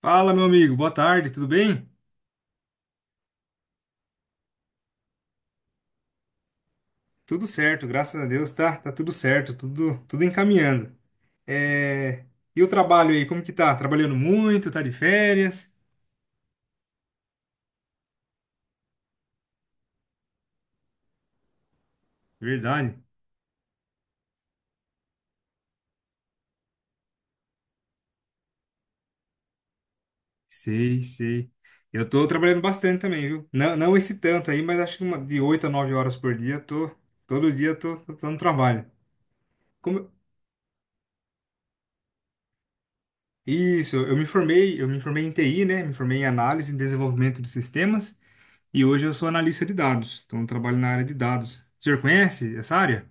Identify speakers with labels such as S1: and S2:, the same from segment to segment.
S1: Fala, meu amigo, boa tarde, tudo bem? Tudo certo, graças a Deus, tá, tá tudo certo, tudo, tudo encaminhando. É, E o trabalho aí, como que tá? Trabalhando muito, tá de férias? Verdade, sei, sei. Eu tô trabalhando bastante também, viu? Não, não esse tanto aí, mas acho que uma, de 8 a 9 horas por dia, eu tô, todo dia eu tô, tô dando trabalho. Como... Isso, eu me formei em TI, né? Me formei em análise e desenvolvimento de sistemas. E hoje eu sou analista de dados, então eu trabalho na área de dados. O senhor conhece essa área?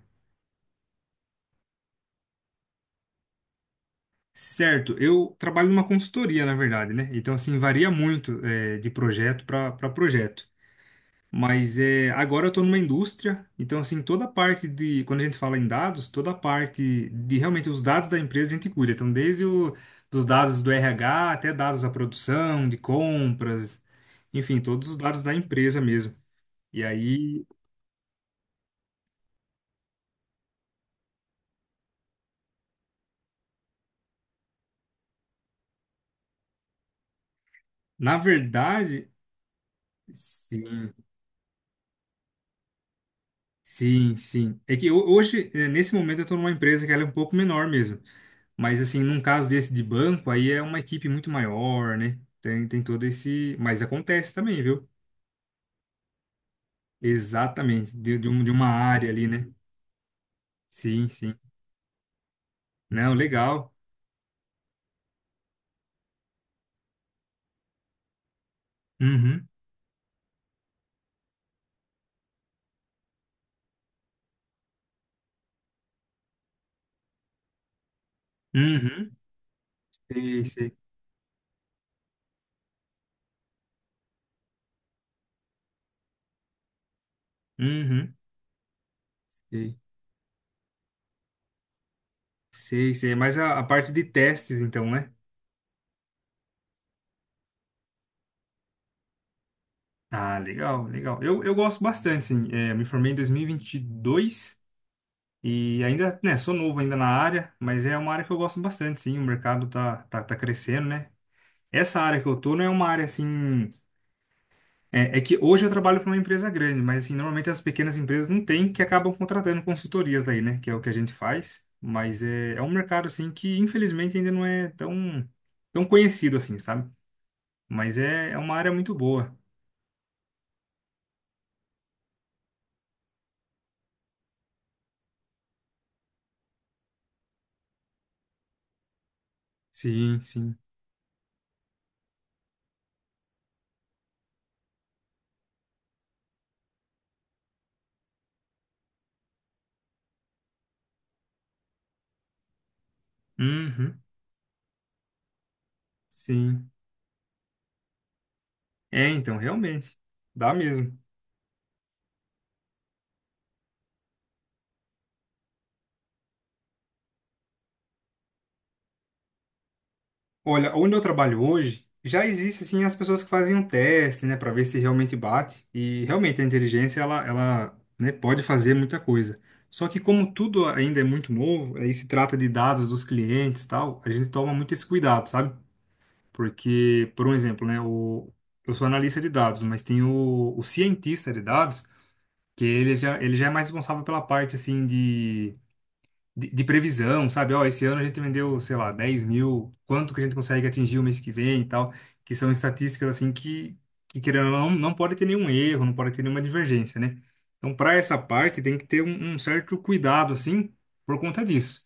S1: Certo, eu trabalho numa consultoria, na verdade, né? Então, assim, varia muito de projeto para projeto. Mas agora eu estou numa indústria, então, assim, toda a parte de, quando a gente fala em dados, toda a parte de realmente os dados da empresa a gente cuida. Então, dos dados do RH até dados da produção, de compras, enfim, todos os dados da empresa mesmo. E aí, na verdade, sim. Sim, sim. É que hoje, nesse momento, eu estou numa empresa que ela é um pouco menor mesmo. Mas, assim, num caso desse de banco, aí é uma equipe muito maior, né? Tem, tem todo esse. Mas acontece também, viu? Exatamente. De uma área ali, né? Sim, sim. Não, legal. Uhum. Uhum. Sei, sei. Uhum. Sei, sei, sei. Mas a parte de testes, então, né? Ah, legal, legal. Eu gosto bastante, sim. Eu me formei em dois mil e e vinte e dois. E ainda, né, sou novo ainda na área, mas é uma área que eu gosto bastante, sim. O mercado tá, tá, tá crescendo, né? Essa área que eu tô não é uma área assim. É, é que hoje eu trabalho para uma empresa grande, mas assim, normalmente as pequenas empresas não têm, que acabam contratando consultorias daí né? Que é o que a gente faz. Mas é, é um mercado, assim, que infelizmente ainda não é tão, tão conhecido, assim, sabe? Mas é, é uma área muito boa. Sim, sim. Uhum, sim. É, então, realmente. Dá mesmo. Olha, onde eu trabalho hoje, já existe assim as pessoas que fazem um teste, né, para ver se realmente bate. E realmente a inteligência ela, né, pode fazer muita coisa. Só que como tudo ainda é muito novo, aí se trata de dados dos clientes, e tal, a gente toma muito esse cuidado, sabe? Porque, por um exemplo, né, o, eu sou analista de dados, mas tem o cientista de dados, que ele já é mais responsável pela parte assim de previsão, sabe? Ó, esse ano a gente vendeu, sei lá, 10 mil, quanto que a gente consegue atingir o mês que vem e tal, que são estatísticas assim que querendo ou não, não pode ter nenhum erro, não pode ter nenhuma divergência, né? Então, para essa parte, tem que ter um certo cuidado, assim, por conta disso.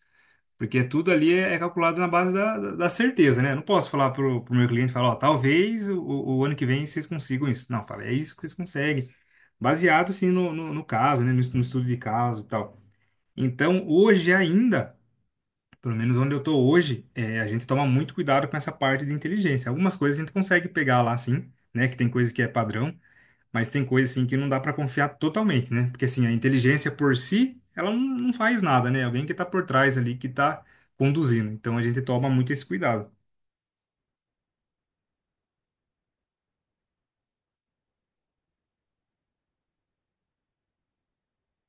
S1: Porque tudo ali é, é calculado na base da certeza, né? Eu não posso falar pro meu cliente, falar, ó, talvez o ano que vem vocês consigam isso. Não, fala, é isso que vocês conseguem baseado sim no caso, né, no, no estudo de caso e tal. Então, hoje ainda pelo menos onde eu tô hoje, é, a gente toma muito cuidado com essa parte de inteligência. Algumas coisas a gente consegue pegar lá, sim, né? Que tem coisa que é padrão, mas tem coisa, assim, que não dá para confiar totalmente, né? Porque, assim, a inteligência por si, ela não, não faz nada, né? Alguém que tá por trás ali, que tá conduzindo. Então, a gente toma muito esse cuidado.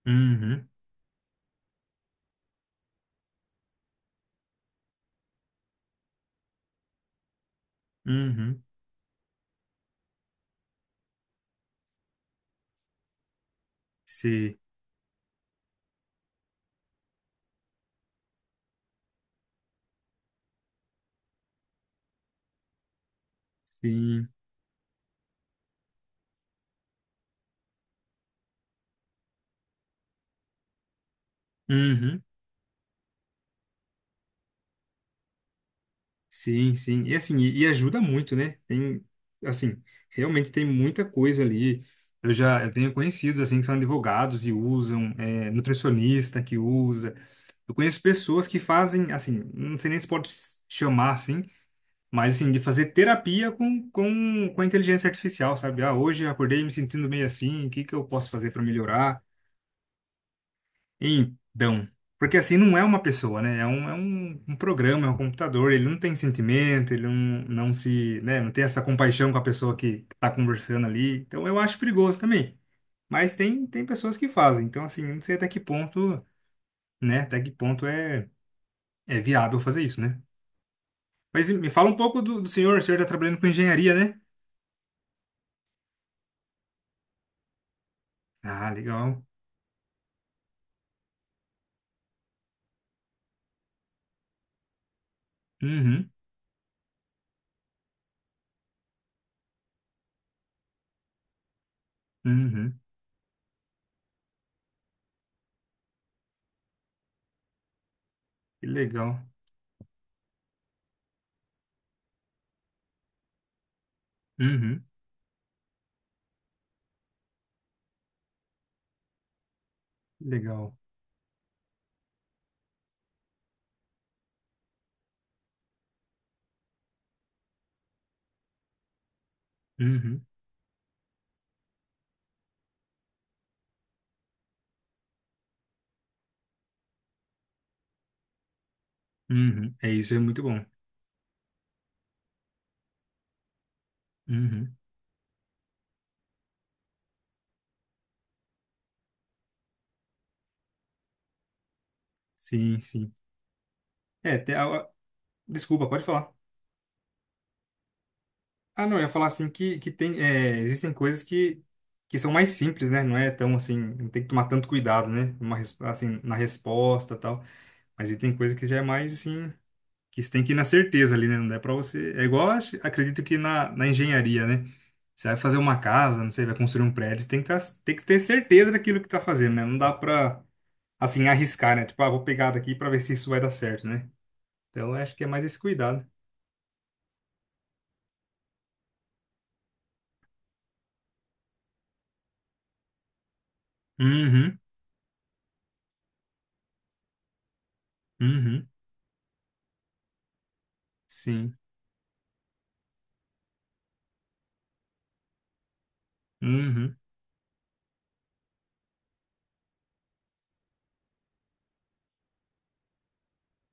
S1: Uhum, uhum. Sim, sim. Uhum. Sim, sim. E assim, e ajuda muito, né? Tem, assim, realmente tem muita coisa ali. Eu tenho conhecidos, assim, que são advogados e usam, é, nutricionista que usa. Eu conheço pessoas que fazem, assim, não sei nem se pode chamar assim, mas assim, de fazer terapia com a inteligência artificial, sabe? Ah, hoje eu acordei me sentindo meio assim, o que que eu posso fazer para melhorar? Então, porque assim não é uma pessoa, né? Um programa, é um computador, ele não tem sentimento, ele não, não se, né, não tem essa compaixão com a pessoa que tá conversando ali. Então eu acho perigoso também. Mas tem, tem pessoas que fazem. Então, assim, eu não sei até que ponto, né? Até que ponto é, é viável fazer isso, né? Mas me fala um pouco do senhor, o senhor tá trabalhando com engenharia, né? Ah, legal. Uhum, uhum. Que legal. Uhum, legal. Uhum, uhum. É isso, é muito bom. Uhum. Sim, sim. É, tem, a- desculpa, pode falar. Ah, não, eu ia falar assim que tem, é, existem coisas que são mais simples, né? Não é tão assim, não tem que tomar tanto cuidado, né? Uma, res- assim, na resposta e tal. Mas aí tem coisa que já é mais assim, que você tem que ir na certeza ali, né? Não dá pra você. É igual, acho- acredito que na engenharia, né? Você vai fazer uma casa, não sei, vai construir um prédio, você tem que, tá- tem que ter certeza daquilo que tá fazendo, né? Não dá pra, assim, arriscar, né? Tipo, ah, vou pegar daqui pra ver se isso vai dar certo, né? Então, eu acho que é mais esse cuidado. Uhum, uhum. Sim. Uhum.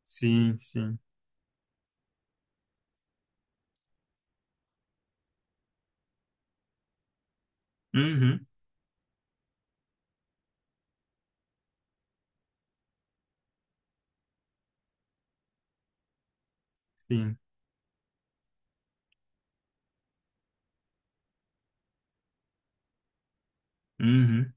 S1: Sim, sim. Uhum. Sim. Uhum.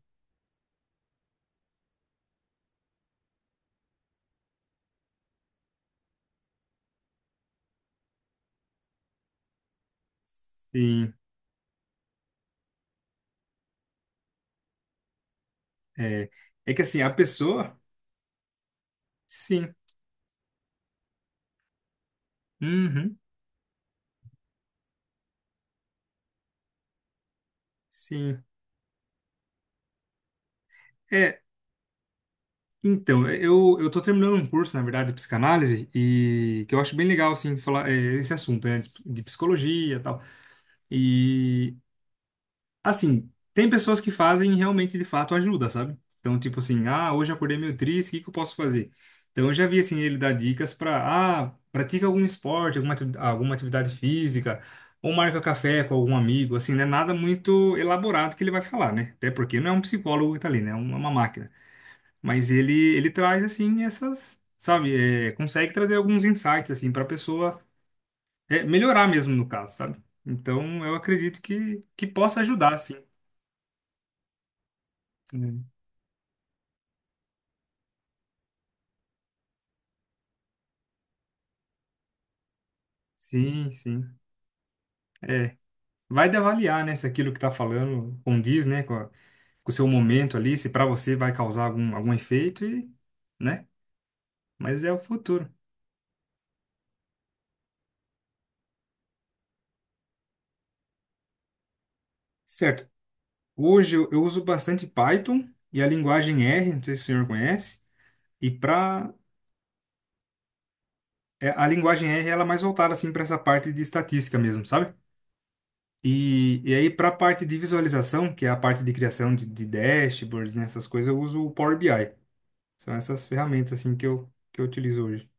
S1: Sim. É. É que assim, a pessoa. Sim. Uhum. Sim. É. Então, é, eu tô terminando um curso, na verdade, de psicanálise, e que eu acho bem legal, assim, falar é, esse assunto, né, de psicologia e tal. E assim, tem pessoas que fazem e realmente de fato ajuda, sabe? Então, tipo assim, ah, hoje eu acordei meio triste, o que que eu posso fazer? Então, eu já vi assim ele dar dicas para, ah, pratica algum esporte, alguma atividade física, ou marca café com algum amigo, assim, não é nada muito elaborado que ele vai falar, né? Até porque não é um psicólogo que tá ali, né? É uma máquina. Mas ele traz assim essas, sabe, é, consegue trazer alguns insights assim para a pessoa é, melhorar mesmo no caso, sabe? Então, eu acredito que possa ajudar, assim. Sim, sim. É, vai de avaliar, né, se aquilo que tá falando condiz, né, com, a- com o seu momento ali, se para você vai causar algum, algum efeito e, né? Mas é o futuro. Certo. Hoje eu uso bastante Python e a linguagem R, não sei se o senhor conhece, e para a linguagem R ela é mais voltada assim para essa parte de estatística mesmo, sabe? E aí para a parte de visualização, que é a parte de criação de dashboards, né, essas coisas, eu uso o Power BI. São essas ferramentas assim que eu utilizo hoje.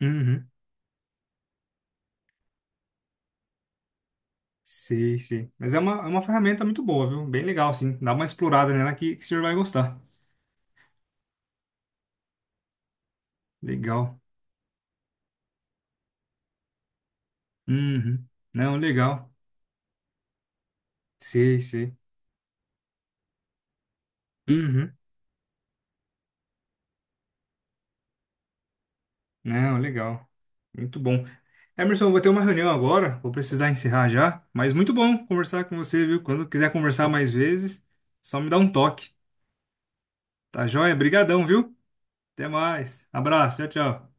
S1: Uhum. Sei, sei. Mas é uma ferramenta muito boa, viu? Bem legal, sim. Dá uma explorada nela que o senhor vai gostar. Legal. Uhum. Não, legal. Sei, sei. Uhum. Não, legal. Muito bom. Emerson, vou ter uma reunião agora. Vou precisar encerrar já. Mas muito bom conversar com você, viu? Quando quiser conversar mais vezes, só me dá um toque. Tá joia? Brigadão, viu? Até mais. Abraço. Tchau, tchau.